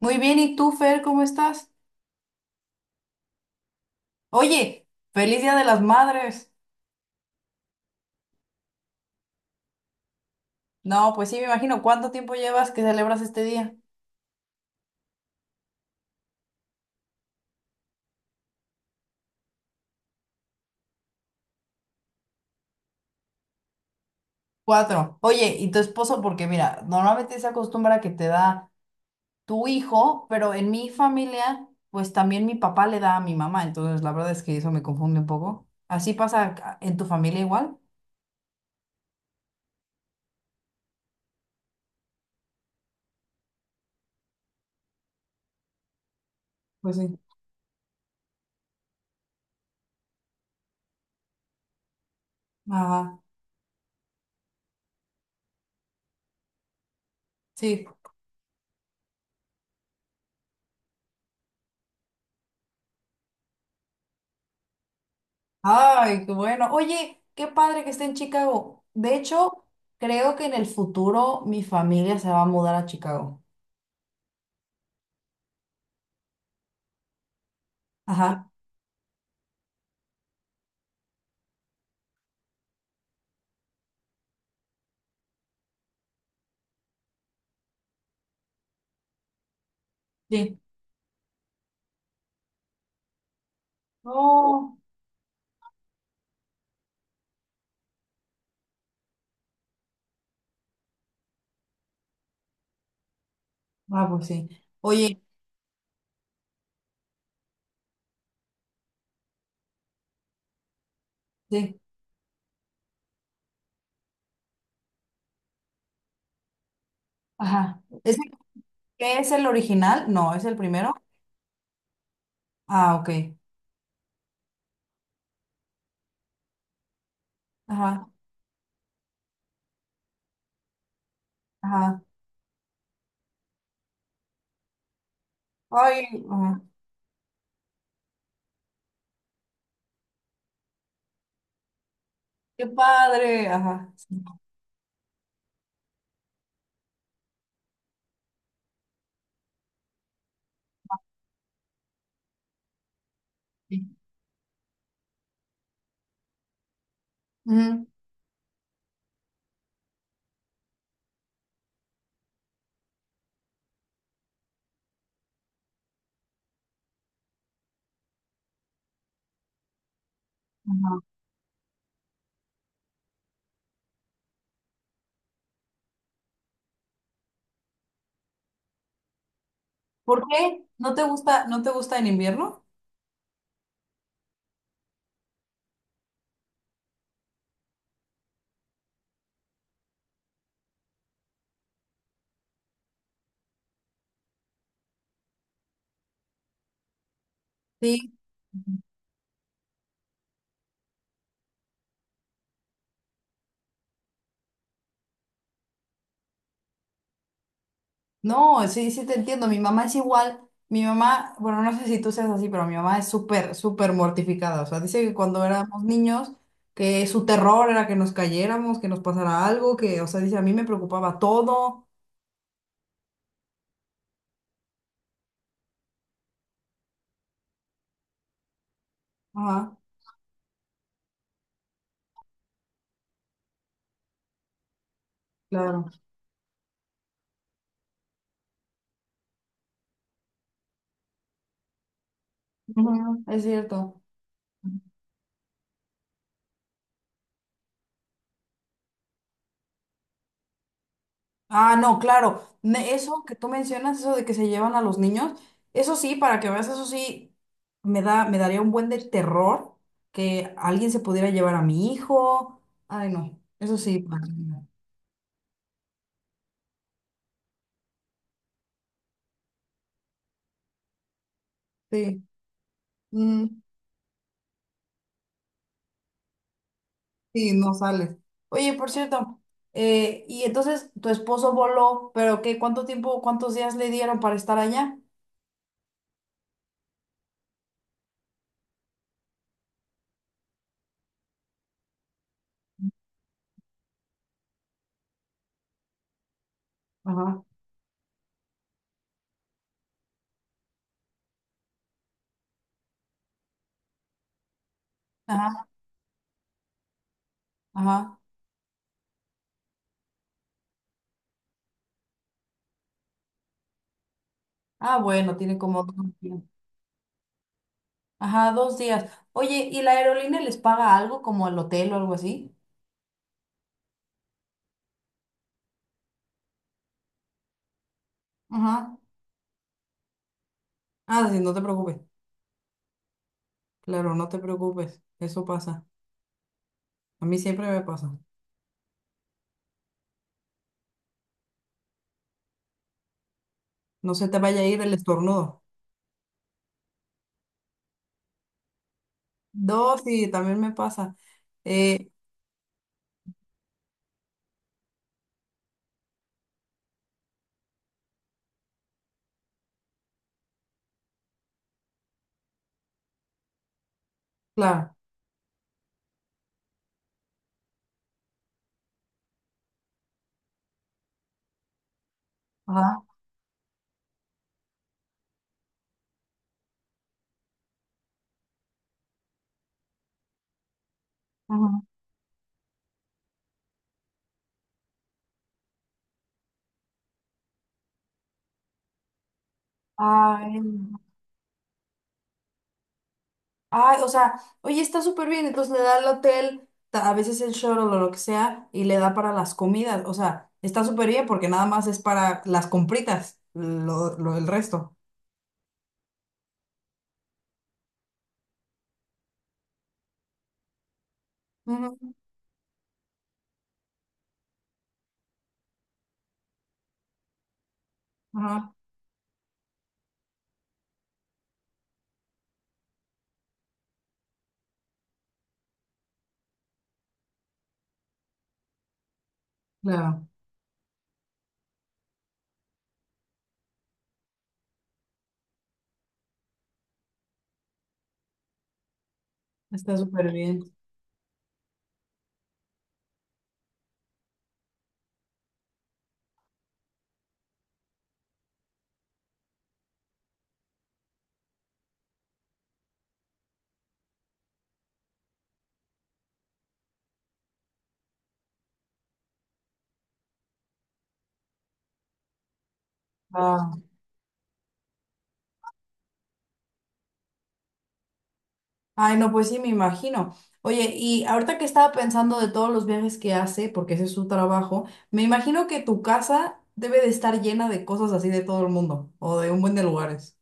Muy bien, ¿y tú, Fer, cómo estás? Oye, feliz Día de las Madres. No, pues sí, me imagino, ¿cuánto tiempo llevas que celebras este día? Cuatro. Oye, ¿y tu esposo? Porque mira, normalmente se acostumbra que te da tu hijo, pero en mi familia, pues también mi papá le da a mi mamá, entonces la verdad es que eso me confunde un poco. ¿Así pasa en tu familia igual? Pues sí. Ajá, sí. Ay, qué bueno. Oye, qué padre que esté en Chicago. De hecho, creo que en el futuro mi familia se va a mudar a Chicago. Ajá, sí. No. Ah, pues sí. Oye, sí. Ajá. ¿Ese qué es el original? No, es el primero. Ah, ok. Ajá, ajá. Ay, ajá. Qué padre. Ajá, sí, sí. Ujú, ajá. ¿Por qué? ¿No te gusta, no te gusta en invierno? Sí. No, sí, sí te entiendo. Mi mamá es igual. Mi mamá, bueno, no sé si tú seas así, pero mi mamá es súper, súper mortificada. O sea, dice que cuando éramos niños, que su terror era que nos cayéramos, que nos pasara algo, que, o sea, dice, a mí me preocupaba todo. Ajá, claro. Ujú, es cierto. Ah, no, claro. Eso que tú mencionas, eso de que se llevan a los niños, eso sí, para que veas, eso sí, me da, me daría un buen de terror que alguien se pudiera llevar a mi hijo. Ay, no, eso sí. Para mí. No. Sí, mm, sí, no sale. Oye, por cierto, y entonces tu esposo voló, pero ¿qué? ¿Cuánto tiempo, cuántos días le dieron para estar allá? Ajá. Ajá, ajá. Ah, bueno, tiene como dos días. Ajá, dos días. Oye, ¿y la aerolínea les paga algo como el hotel o algo así? Ajá. Ah, sí, no te preocupes. Claro, no te preocupes. Eso pasa. A mí siempre me pasa. No se te vaya a ir el estornudo. Dos, sí, también me pasa. Eh, claro. Ajá, ajá. Ay, ay, o sea, oye, está súper bien, entonces le da el hotel, a veces el shuttle o lo que sea, y le da para las comidas, o sea, está súper bien porque nada más es para las compritas, el resto. Ujú. Ajá, claro, está súper bien. Ah, ay, no, pues sí, me imagino. Oye, y ahorita que estaba pensando de todos los viajes que hace, porque ese es su trabajo, me imagino que tu casa debe de estar llena de cosas así de todo el mundo, o de un buen de lugares.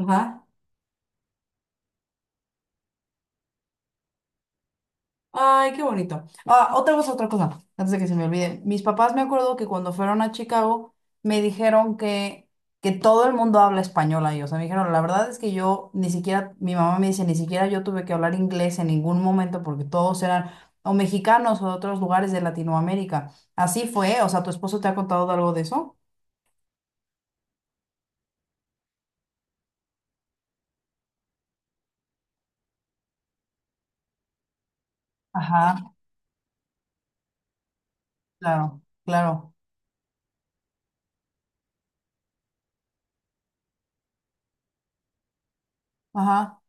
Ajá. Ay, qué bonito. Ah, otra cosa, antes de que se me olvide. Mis papás me acuerdo que cuando fueron a Chicago me dijeron que todo el mundo habla español ahí. O sea, me dijeron, la verdad es que yo ni siquiera, mi mamá me dice, ni siquiera yo tuve que hablar inglés en ningún momento porque todos eran o mexicanos o de otros lugares de Latinoamérica. Así fue, o sea, ¿tu esposo te ha contado de algo de eso? Ajá, claro, claro. Ajá.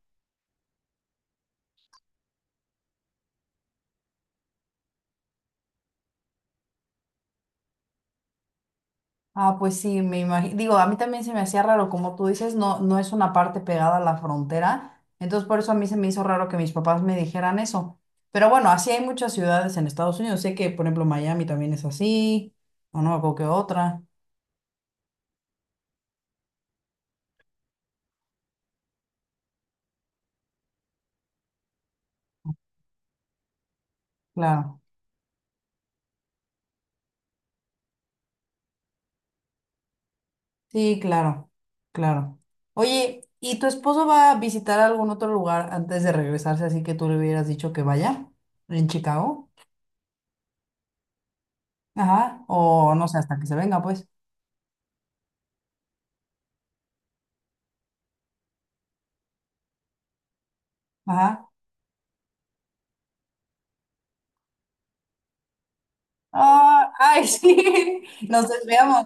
Ah, pues sí, me imagino. Digo, a mí también se me hacía raro, como tú dices, no, no es una parte pegada a la frontera. Entonces, por eso a mí se me hizo raro que mis papás me dijeran eso. Pero bueno, así hay muchas ciudades en Estados Unidos. Sé que, por ejemplo, Miami también es así, o no, o que otra. Claro. Sí, claro, claro. Oye, ¿y tu esposo va a visitar algún otro lugar antes de regresarse, así que tú le hubieras dicho que vaya en Chicago? Ajá. O no sé, hasta que se venga, pues. Ajá. Ah, ay, sí, nos desviamos.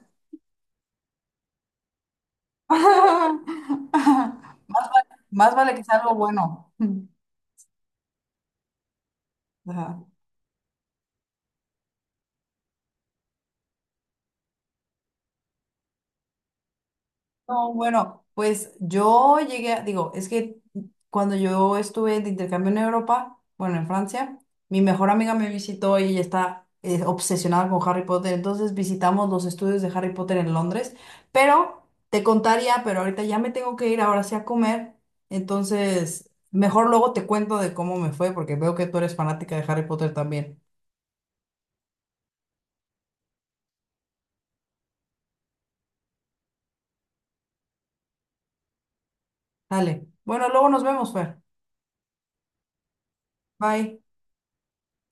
Más vale que sea algo bueno. Ajá. No, bueno, pues yo llegué a, digo, es que cuando yo estuve de intercambio en Europa, bueno, en Francia, mi mejor amiga me visitó y ella está obsesionada con Harry Potter, entonces visitamos los estudios de Harry Potter en Londres, pero te contaría, pero ahorita ya me tengo que ir ahora sí a comer, entonces mejor luego te cuento de cómo me fue, porque veo que tú eres fanática de Harry Potter también. Dale, bueno, luego nos vemos, Fer. Bye.